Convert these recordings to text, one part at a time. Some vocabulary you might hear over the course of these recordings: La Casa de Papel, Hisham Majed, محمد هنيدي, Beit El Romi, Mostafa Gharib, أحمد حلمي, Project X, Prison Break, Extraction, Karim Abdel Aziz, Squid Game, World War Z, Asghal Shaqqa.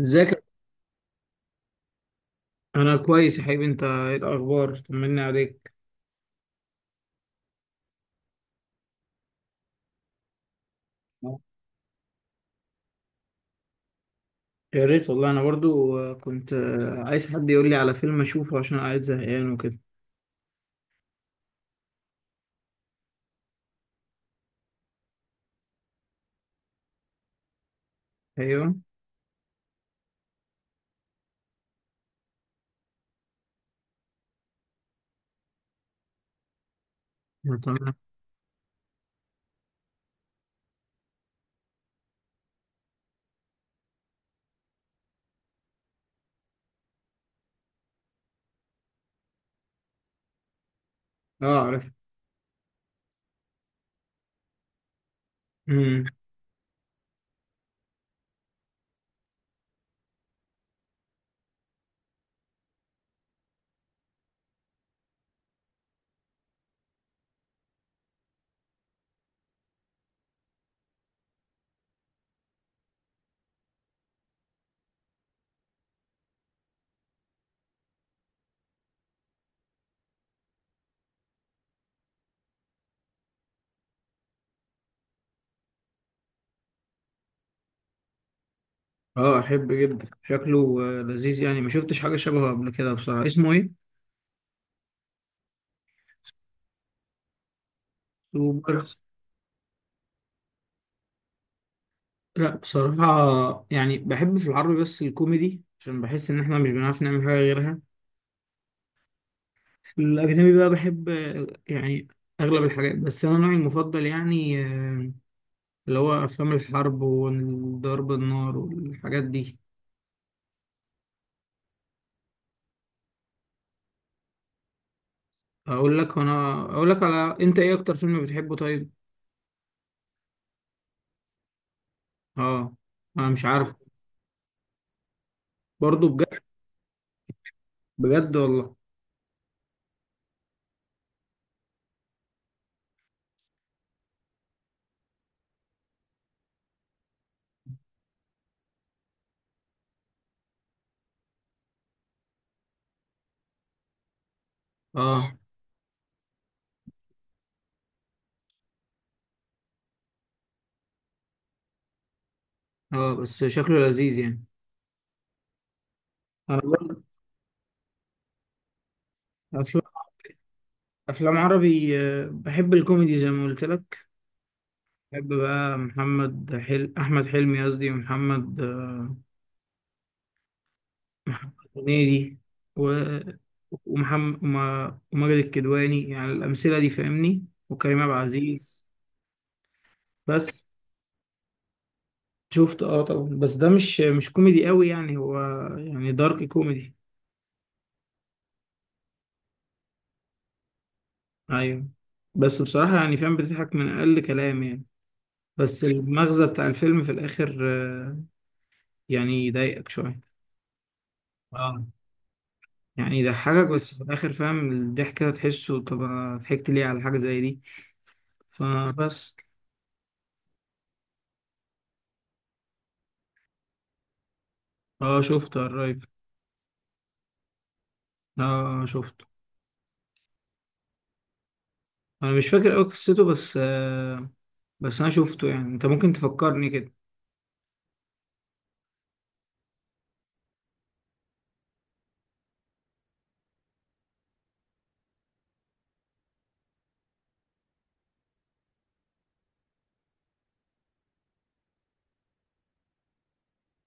ازيك؟ انا كويس يا حبيبي، انت ايه الاخبار؟ طمني عليك. يا ريت والله، انا برضو كنت عايز حد يقول لي على فيلم اشوفه عشان قاعد زهقان وكده. ايوه. أنا تمام. اه، عارف. امم. اه، احب جدا، شكله لذيذ يعني، ما شفتش حاجه شبهه قبل كده بصراحه. اسمه ايه؟ سوبر. لا، بصراحه يعني بحب في العربي بس الكوميدي، عشان بحس ان احنا مش بنعرف نعمل حاجه غيرها. الاجنبي بقى بحب يعني اغلب الحاجات، بس انا نوعي المفضل يعني اللي هو أفلام الحرب وضرب النار والحاجات دي. أقول لك، أنا أقول لك على أنت إيه أكتر فيلم بتحبه طيب؟ آه. أنا مش عارف. برضه بجد؟ بجد والله. آه، آه، بس شكله لذيذ يعني. أنا برضه. أفلام. أفلام عربي، بحب الكوميدي زي ما قلت لك. بحب بقى محمد أحمد حلمي قصدي، ومحمد آه، محمد هنيدي. و... وماجد الكدواني، يعني الأمثلة دي فاهمني، وكريم عبد العزيز. بس. شفت، اه طبعا، بس ده مش كوميدي قوي يعني، هو يعني دارك كوميدي. ايوه. بس بصراحة يعني فاهم، بتضحك من اقل كلام يعني. بس المغزى بتاع الفيلم في الاخر، يعني يضايقك شوية. اه. يعني يضحكك بس في الاخر فاهم الضحك كده تحسه، طب أنا ضحكت ليه على حاجة زي دي؟ فبس. اه، شفته قريب. اه، شفته. انا مش فاكر قوي قصته بس، بس انا شفته يعني، انت ممكن تفكرني كده.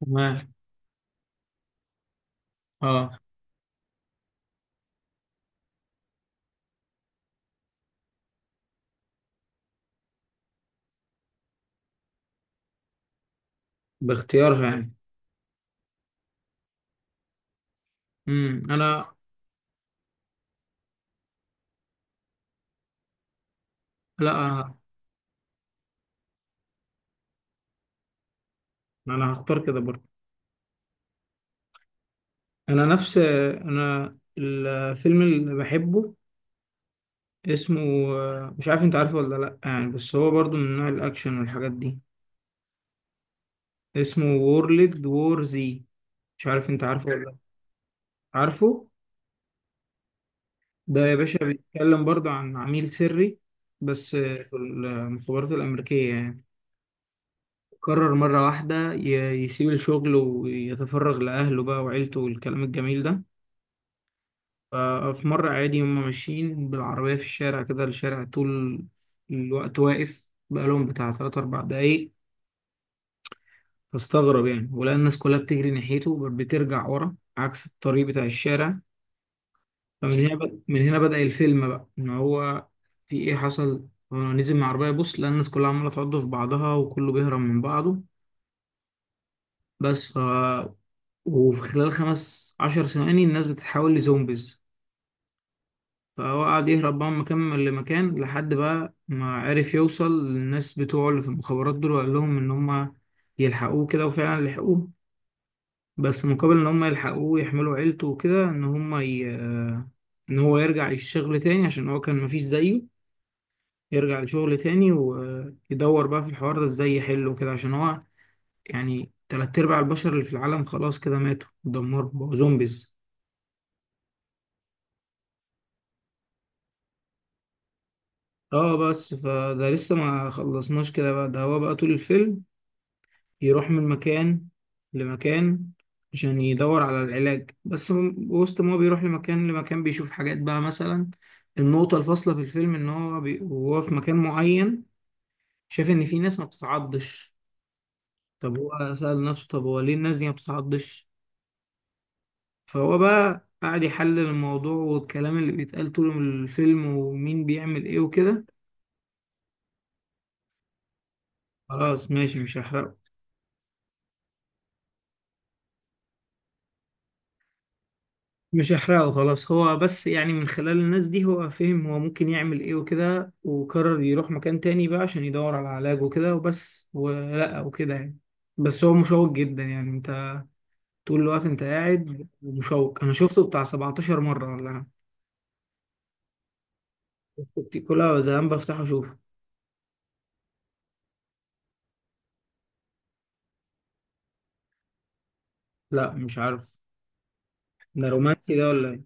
تمام. اه. باختيارها يعني؟ امم، انا. لا، انا. أنا هختار كده برضه. انا، نفس انا، الفيلم اللي بحبه اسمه، مش عارف انت عارفه ولا لا يعني، بس هو برضه من نوع الاكشن والحاجات دي. اسمه وورلد وور زي. مش عارف انت عارفه ولا لا. عارفه؟ ده يا باشا بيتكلم برضه عن عميل سري، بس في المخابرات الامريكيه يعني. قرر مره واحده يسيب الشغل ويتفرغ لاهله بقى وعيلته والكلام الجميل ده. ففي مرة عادي، هما ماشيين بالعربية في الشارع كده، الشارع طول الوقت واقف بقالهم بتاع تلات أربع دقايق. فاستغرب يعني، ولقى الناس كلها بتجري ناحيته، بترجع ورا عكس الطريق بتاع الشارع. من هنا بدأ الفيلم بقى إن هو، في إيه حصل. هو نزل من العربية يبص، لقى الناس كلها عمالة تعض في بعضها وكله بيهرب من بعضه. بس وفي خلال 15 ثواني الناس بتتحول لزومبيز. فهو قعد يهرب بقى من مكان لمكان، لحد بقى ما عرف يوصل للناس بتوعه اللي في المخابرات دول، وقال لهم إن هما يلحقوه كده، وفعلا لحقوه. بس مقابل إن هما يلحقوه يحملوا عيلته وكده، إن هما ي... آه، إن هو يرجع للشغل تاني عشان هو كان مفيش زيه. يرجع لشغل تاني، ويدور بقى في الحوار ده إزاي يحله كده، عشان هو يعني تلات أرباع البشر اللي في العالم خلاص كده ماتوا اتدمروا بقوا زومبيز. اه بس فده لسه ما خلصناش كده بقى، ده هو بقى طول الفيلم يروح من مكان لمكان عشان يدور على العلاج، بس وسط ما هو بيروح لمكان لمكان بيشوف حاجات بقى مثلا. النقطة الفاصلة في الفيلم إن هو وهو في مكان معين شاف إن في ناس ما بتتعضش. طب هو سأل نفسه، طب هو ليه الناس دي ما بتتعضش؟ فهو بقى قاعد يحلل الموضوع والكلام اللي بيتقال طول الفيلم، ومين بيعمل إيه وكده. خلاص ماشي، مش هحرقه. مش هحرقه خلاص، هو بس يعني من خلال الناس دي هو فهم هو ممكن يعمل ايه وكده، وقرر يروح مكان تاني بقى عشان يدور على علاج وكده، وبس ولقى وكده يعني. بس هو مشوق جدا يعني، انت طول الوقت انت قاعد ومشوق، انا شفته بتاع 17 مرة ولا حاجة. كنت كل زمان بفتحه اشوفه. لا، مش عارف. ده رومانسي ده ولا ايه؟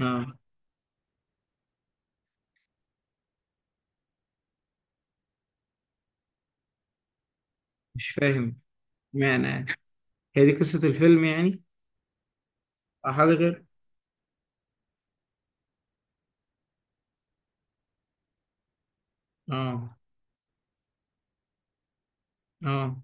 اه، مش فاهم معنى يعني. هي دي قصة الفيلم يعني؟ أو حاجة غير. اه. اه.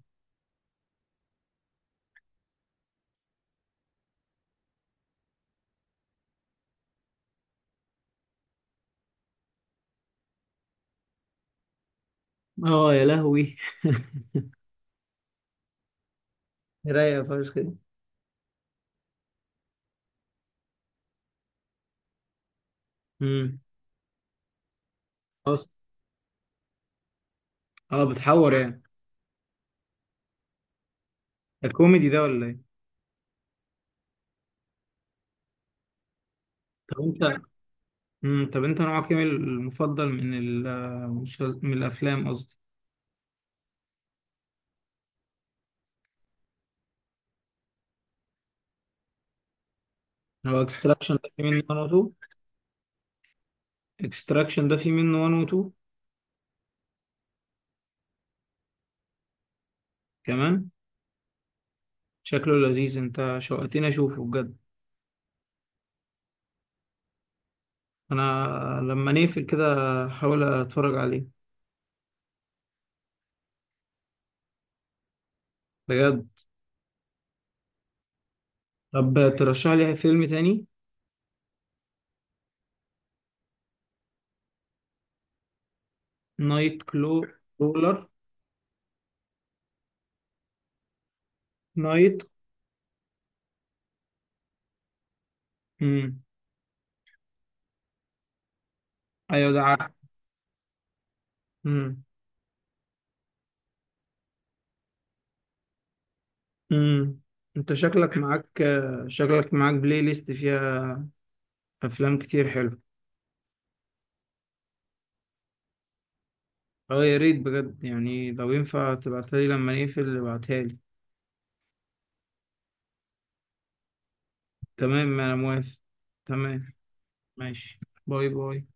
اه، يا لهوي! رايقة فشخ. دي. خلاص. اه، بتحور يعني. ده كوميدي ده ولا ايه؟ طب انت، امم، طب انت نوعك ايه المفضل من من الافلام قصدي؟ هو اكستراكشن ده فيه منه 1 و 2؟ اكستراكشن ده فيه منه 1 و 2؟ كمان. شكله لذيذ، انت شوقتني اشوفه بجد. انا، لما نقفل كده هحاول اتفرج عليه. بجد؟ طب ترشح لي فيلم تاني. نايت كلو، رولر. نايت. امم. ايوه ده. عارف. امم. انت شكلك معاك شكلك معاك بلاي ليست فيها افلام كتير، حلو. اه يا ريت بجد يعني، لو ينفع تبعتها لي لما نقفل ابعتها لي. تمام، انا موافق. تمام. ماشي. باي باي.